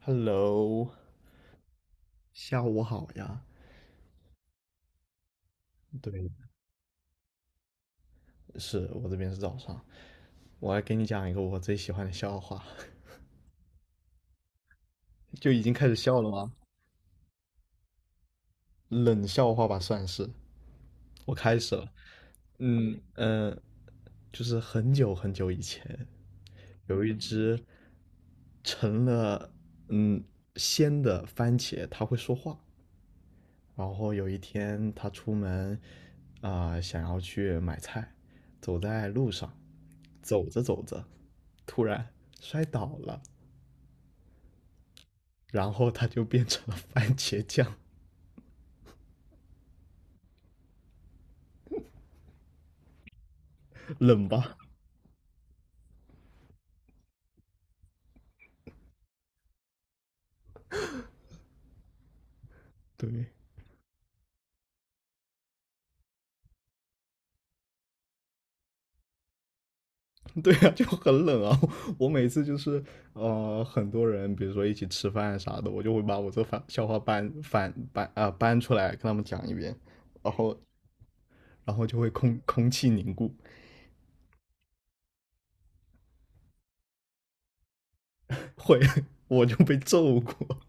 Hello，下午好呀。对，是我这边是早上。我来给你讲一个我最喜欢的笑话。就已经开始笑了吗？冷笑话吧，算是。我开始了。嗯嗯。就是很久很久以前，有一只成了嗯鲜的番茄，它会说话。然后有一天他出门，想要去买菜，走在路上，走着走着，突然摔倒了，然后他就变成了番茄酱。冷吧？对。对啊，就很冷啊！我每次就是，很多人，比如说一起吃饭啥的，我就会把我这番笑话搬翻搬啊、呃搬出来跟他们讲一遍。然后然后就会空气凝固。会。 我就被揍过。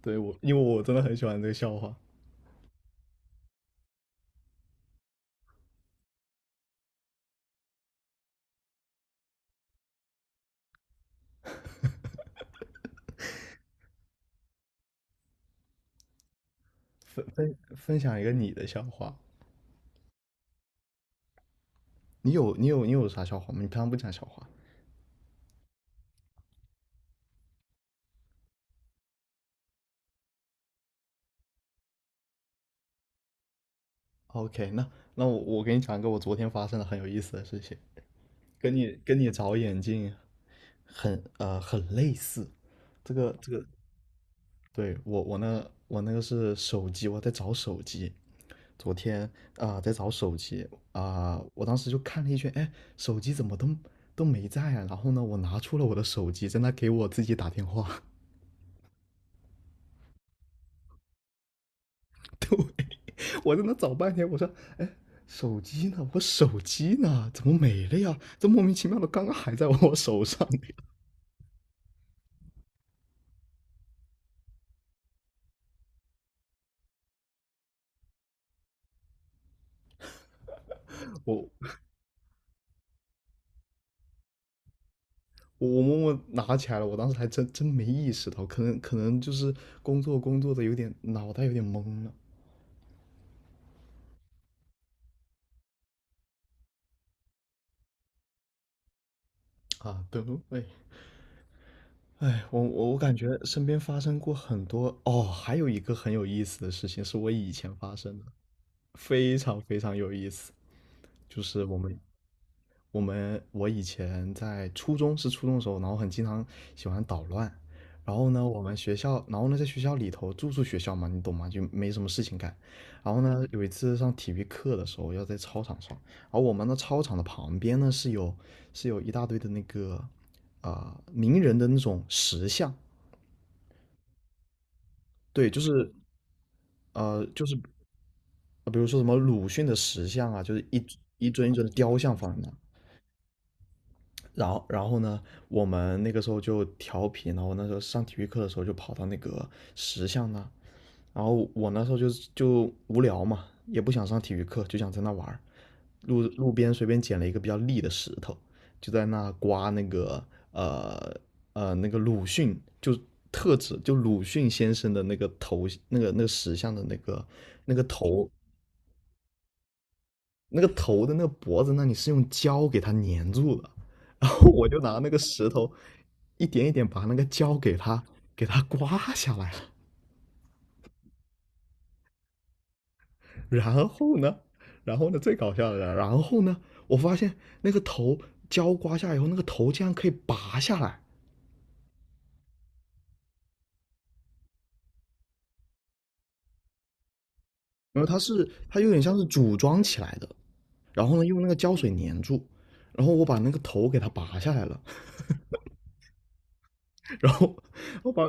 对，我因为我真的很喜欢这个笑话。分享一个你的笑话。你有啥笑话吗？你平常不讲笑话？OK，那我给你讲一个我昨天发生的很有意思的事情，跟你找眼镜很类似。这个这个，对，我那个是手机，我在找手机。昨天在找手机，啊、我当时就看了一圈，哎，手机怎么都没在啊？然后呢，我拿出了我的手机，在那给我自己打电话。我在那找半天，我说，哎，手机呢？我手机呢？怎么没了呀？这莫名其妙的，刚刚还在我手上。我我我默默拿起来了，我当时还真没意识到，可能就是工作的有点脑袋有点懵了。啊，对对。哎哎，我感觉身边发生过很多哦。还有一个很有意思的事情是我以前发生的，非常非常有意思。就是我以前在初中的时候，然后很经常喜欢捣乱。然后呢，我们学校，然后呢，在学校里头住宿学校嘛，你懂吗？就没什么事情干。然后呢，有一次上体育课的时候，要在操场上。然后我们的操场的旁边呢是有一大堆的那个名人的那种石像。对，就是，呃就是比如说什么鲁迅的石像啊，就是一尊一尊的雕像放在那。然后呢，我们那个时候就调皮，然后那时候上体育课的时候就跑到那个石像那。然后我那时候就无聊嘛，也不想上体育课，就想在那玩儿。路边随便捡了一个比较立的石头，就在那刮那个，呃那个鲁迅就。特指就鲁迅先生的那个头，那个石像的那个头，那个头的那个脖子那里是用胶给它粘住的。然后我就拿那个石头一点一点把那个胶给它刮下来了。然后呢，最搞笑的是，然后呢，我发现那个头胶刮下来以后，那个头竟然可以拔下来。然后它有点像是组装起来的，然后呢用那个胶水粘住。然后我把那个头给它拔下来了。然后我把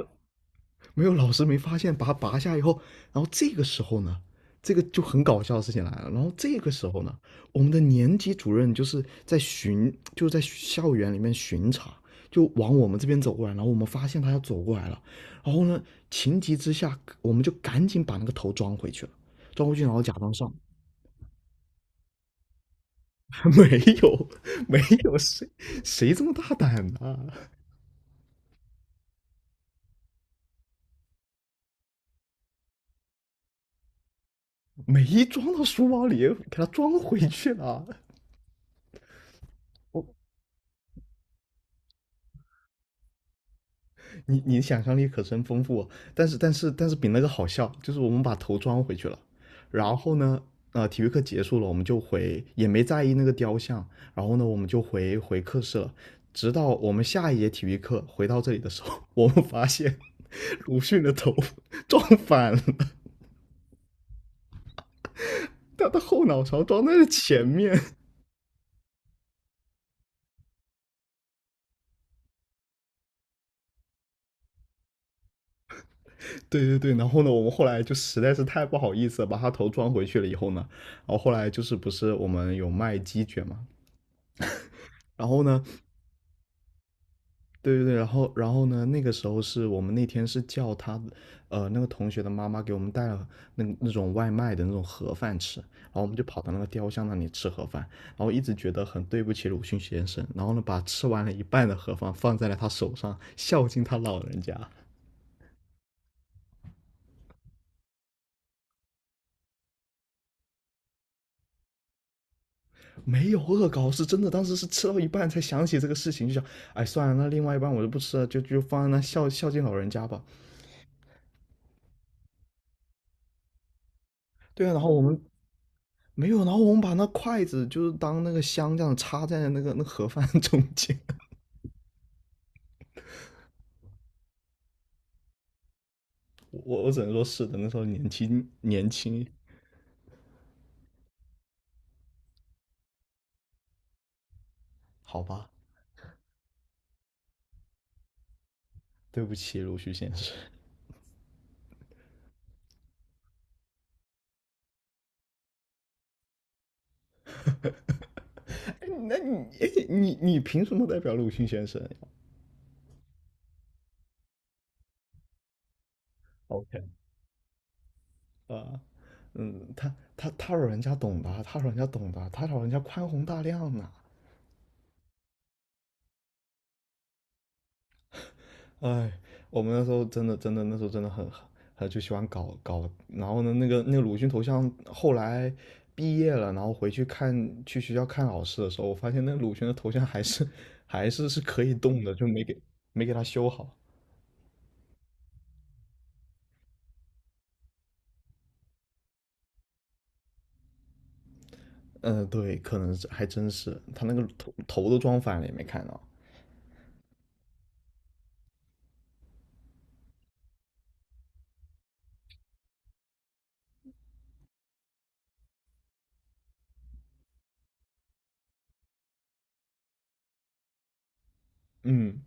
没有老师没发现，把它拔下以后，然后这个时候呢，这个就很搞笑的事情来了。然后这个时候呢，我们的年级主任就是在巡，就是在校园里面巡查，就往我们这边走过来。然后我们发现他要走过来了，然后呢，情急之下，我们就赶紧把那个头装回去了，装回去，然后假装上。 没有，没有谁这么大胆呢。没装到书包里，给他装回去了。我你，想象力可真丰富哦。但是比那个好笑，就是我们把头装回去了。然后呢，体育课结束了，我们就回，也没在意那个雕像。然后呢，我们就回课室了，直到我们下一节体育课回到这里的时候，我们发现鲁迅的头撞反了，他的后脑勺撞在了前面。对对对，然后呢，我们后来就实在是太不好意思了，把他头装回去了以后呢。然后后来就是不是我们有卖鸡卷嘛。然后呢，对对对，然后呢？那个时候是我们那天是叫他，那个同学的妈妈给我们带了那种外卖的那种盒饭吃，然后我们就跑到那个雕像那里吃盒饭。然后一直觉得很对不起鲁迅先生，然后呢，把吃完了一半的盒饭放在了他手上，孝敬他老人家。没有恶搞，是真的，当时是吃到一半才想起这个事情，就想，哎，算了，那另外一半我就不吃了，就放在那孝敬老人家吧。对啊，然后我们没有，然后我们把那筷子就是当那个香这样插在那盒饭中间。我只能说是的，那时候年轻年轻。好吧，对不起鲁迅先生。那你，你凭什么代表鲁迅先生？OK， 啊，嗯，他老人家懂的，他老人家懂的，他老人家宽宏大量呢。哎，我们那时候真的那时候真的很就喜欢搞搞。然后呢，那个鲁迅头像后来毕业了。然后回去去学校看老师的时候，我发现那个鲁迅的头像还是， 还是可以动的，就没给他修好。嗯，对，可能是还真是他那个头都装反了也没看到。嗯，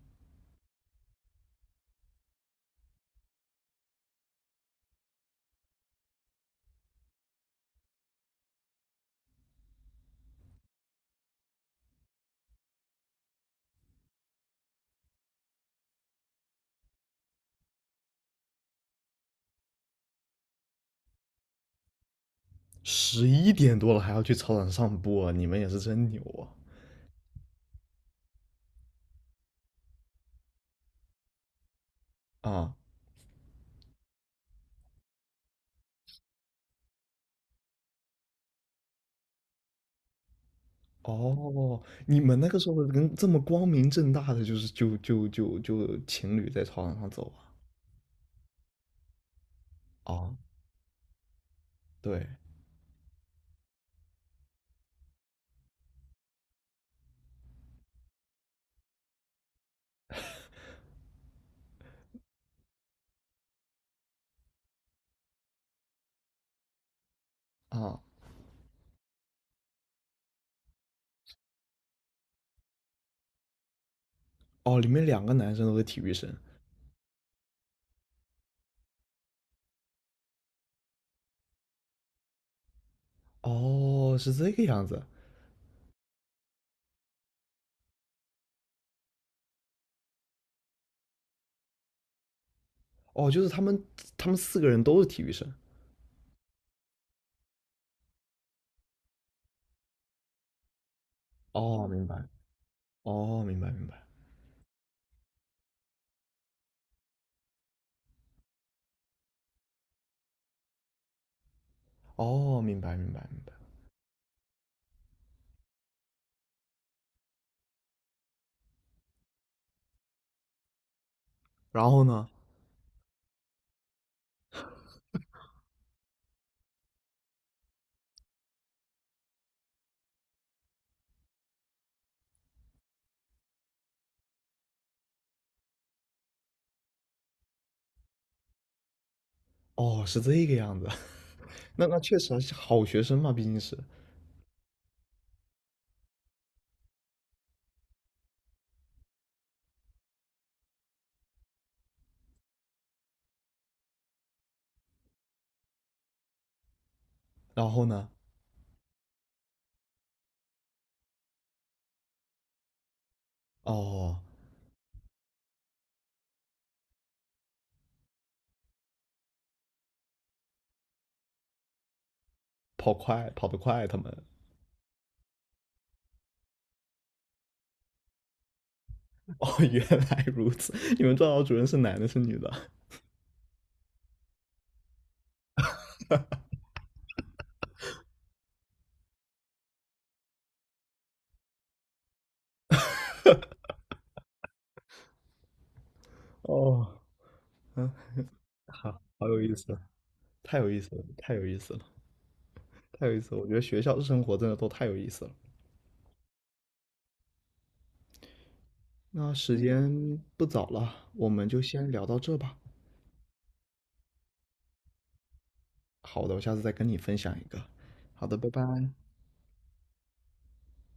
十一点多了还要去操场上播，你们也是真牛啊！啊，哦，你们那个时候跟这么光明正大的就是就就就就情侣在操场上走啊？啊，对啊。哦，里面两个男生都是体育生。哦，是这个样子。哦，就是他们四个人都是体育生。哦，明白。哦，明白明白。哦，明白明白明白。然后呢？哦，是这个样子。那确实啊是好学生嘛，毕竟是。然后呢？哦，跑得快，他们。哦，原来如此，你们教导主任是男的，是女的？哦，嗯，好，好有意思，太有意思了，太有意思了，太有意思了！我觉得学校生活真的都太有意思了。那时间不早了，我们就先聊到这吧。好的，我下次再跟你分享一个。好的，拜拜。